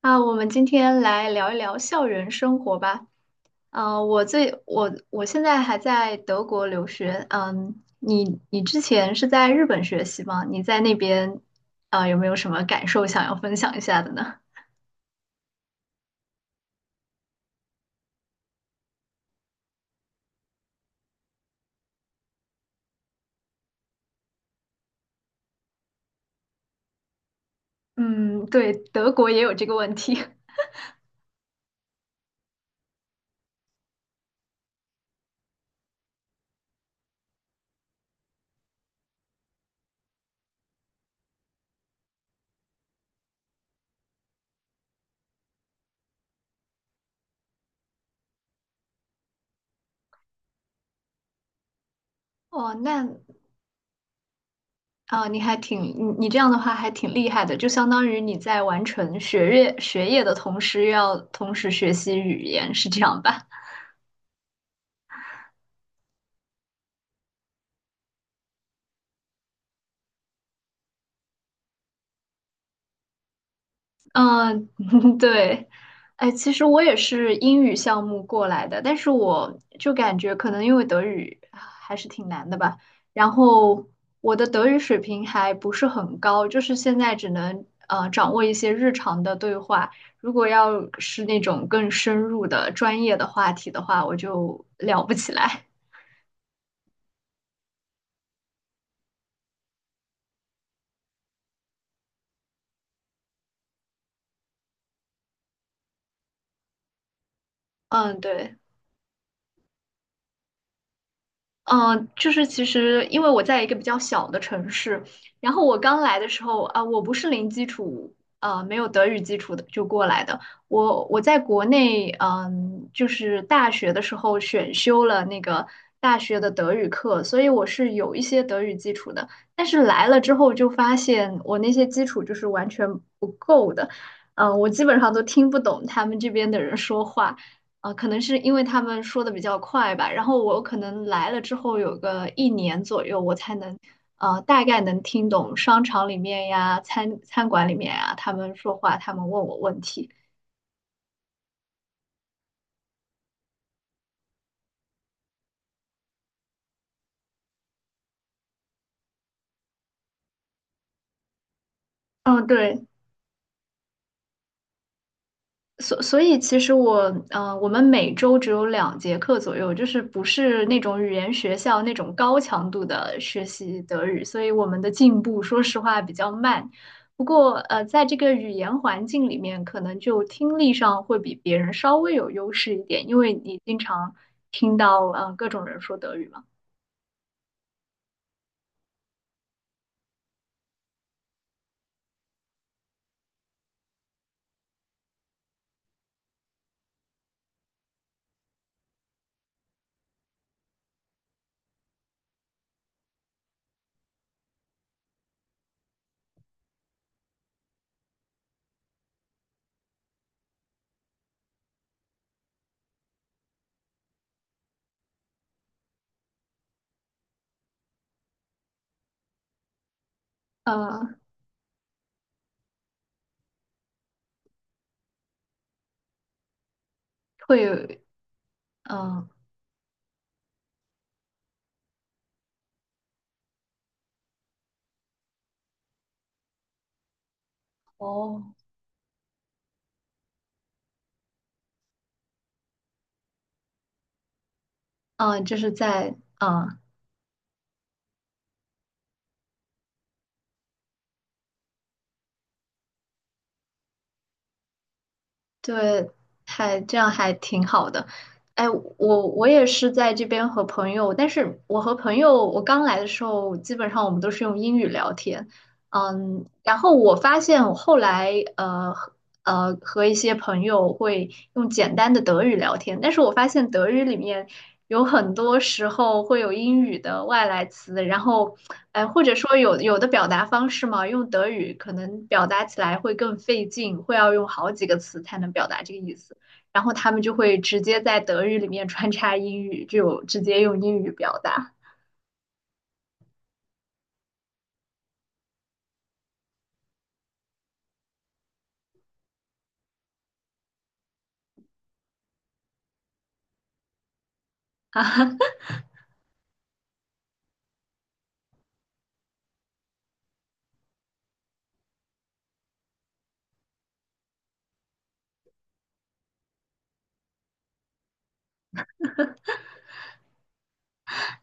啊，我们今天来聊一聊校园生活吧。我最我我现在还在德国留学。嗯，你之前是在日本学习吗？你在那边啊，有没有什么感受想要分享一下的呢？嗯，对，德国也有这个问题。哦，那啊，你还挺你你这样的话还挺厉害的，就相当于你在完成学业的同时，又要同时学习语言，是这样吧？嗯，对，哎，其实我也是英语项目过来的，但是我就感觉可能因为德语啊还是挺难的吧，然后我的德语水平还不是很高，就是现在只能掌握一些日常的对话，如果要是那种更深入的专业的话题的话，我就聊不起来。嗯，对。就是其实因为我在一个比较小的城市，然后我刚来的时候啊，我不是零基础，没有德语基础的就过来的。我在国内，就是大学的时候选修了那个大学的德语课，所以我是有一些德语基础的。但是来了之后就发现我那些基础就是完全不够的，我基本上都听不懂他们这边的人说话。可能是因为他们说的比较快吧，然后我可能来了之后有个一年左右，我才能，大概能听懂商场里面呀、餐馆里面呀，他们说话，他们问我问题。嗯，对。所以，其实我们每周只有2节课左右，就是不是那种语言学校那种高强度的学习德语，所以我们的进步，说实话比较慢。不过，在这个语言环境里面，可能就听力上会比别人稍微有优势一点，因为你经常听到，各种人说德语嘛。嗯，会有嗯、呃哦，嗯、就是在，嗯、对，还这样还挺好的。哎，我也是在这边和朋友，但是我和朋友，我刚来的时候，基本上我们都是用英语聊天。然后我发现我后来和一些朋友会用简单的德语聊天，但是我发现德语里面有很多时候会有英语的外来词，然后，哎、或者说有的表达方式嘛，用德语可能表达起来会更费劲，会要用好几个词才能表达这个意思，然后他们就会直接在德语里面穿插英语，就直接用英语表达。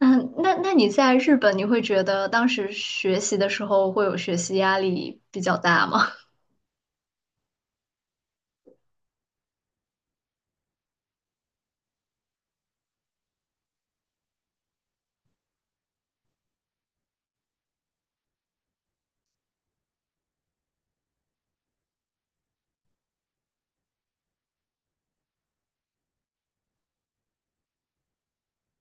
嗯，那你在日本，你会觉得当时学习的时候会有学习压力比较大吗？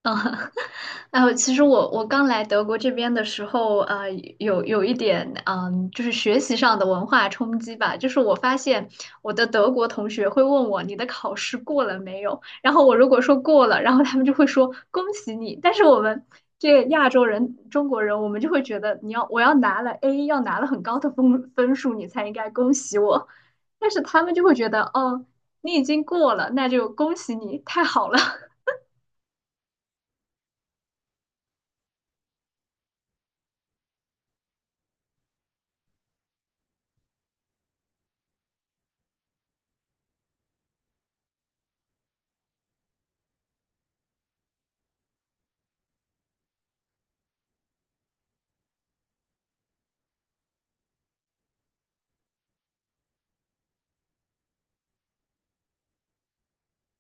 嗯，哎呦，其实我刚来德国这边的时候，有一点，就是学习上的文化冲击吧。就是我发现我的德国同学会问我你的考试过了没有，然后我如果说过了，然后他们就会说恭喜你。但是我们这个亚洲人、中国人，我们就会觉得我要拿了 A，要拿了很高的分数，你才应该恭喜我。但是他们就会觉得，哦，你已经过了，那就恭喜你，太好了。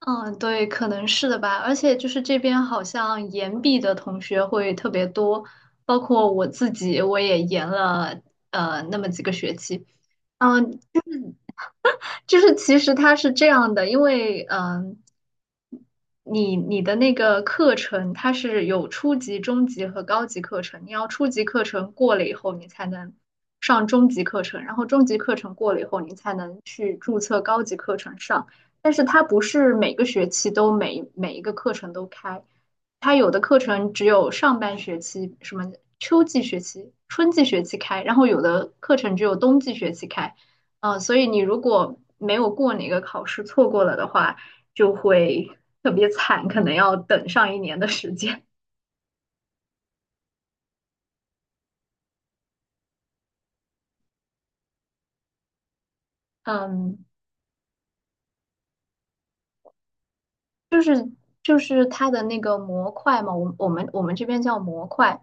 嗯，对，可能是的吧。而且就是这边好像延毕的同学会特别多，包括我自己，我也延了那么几个学期。嗯，就是其实它是这样的，因为你的那个课程它是有初级、中级和高级课程，你要初级课程过了以后，你才能上中级课程，然后中级课程过了以后，你才能去注册高级课程上。但是它不是每个学期都每一个课程都开，它有的课程只有上半学期、什么秋季学期、春季学期开，然后有的课程只有冬季学期开。所以你如果没有过哪个考试，错过了的话，就会特别惨，可能要等上一年的时间。嗯，就是就是它的那个模块嘛，我们这边叫模块，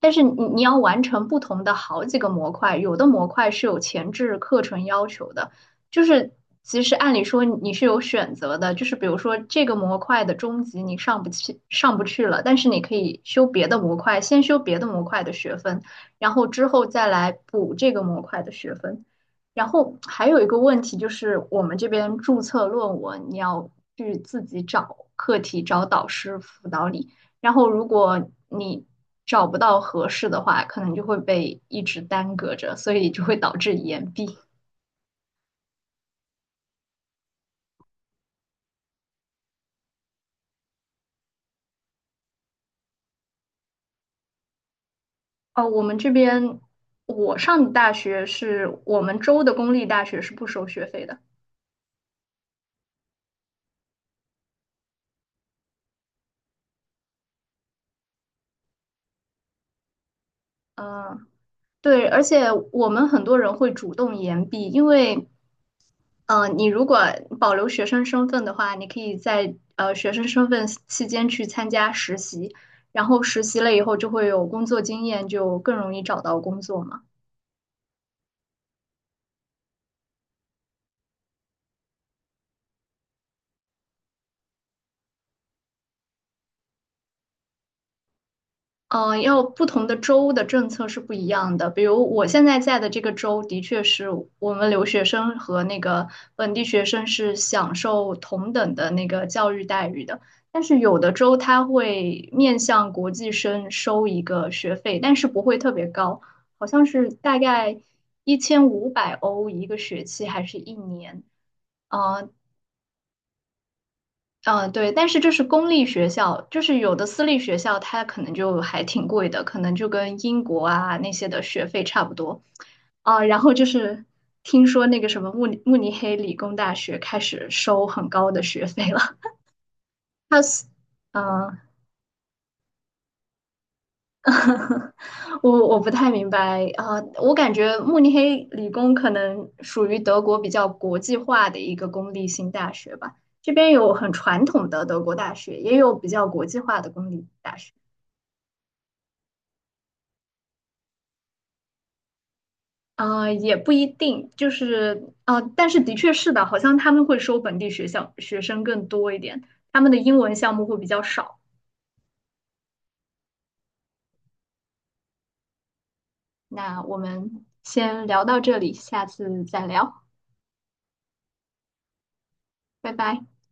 但是你要完成不同的好几个模块，有的模块是有前置课程要求的，就是其实按理说你是有选择的，就是比如说这个模块的中级你上不去了，但是你可以修别的模块，先修别的模块的学分，然后之后再来补这个模块的学分。然后还有一个问题就是，我们这边注册论文你要去自己找课题、找导师辅导你。然后如果你找不到合适的话，可能就会被一直耽搁着，所以就会导致延毕。哦，我们这边我上的大学是我们州的公立大学是不收学费的。嗯，对，而且我们很多人会主动延毕，因为你如果保留学生身份的话，你可以在学生身份期间去参加实习，然后实习了以后就会有工作经验，就更容易找到工作嘛。要不同的州的政策是不一样的。比如我现在在的这个州，的确是我们留学生和那个本地学生是享受同等的那个教育待遇的。但是有的州它会面向国际生收一个学费，但是不会特别高，好像是大概1500欧一个学期还是一年。呃，嗯，对，但是这是公立学校，就是有的私立学校它可能就还挺贵的，可能就跟英国啊那些的学费差不多。啊，然后就是听说那个什么慕尼黑理工大学开始收很高的学费了。它是，嗯，我不太明白啊，我感觉慕尼黑理工可能属于德国比较国际化的一个公立性大学吧。这边有很传统的德国大学，也有比较国际化的公立大学。也不一定，就是但是的确是的，好像他们会收本地学校学生更多一点，他们的英文项目会比较少。那我们先聊到这里，下次再聊，拜拜。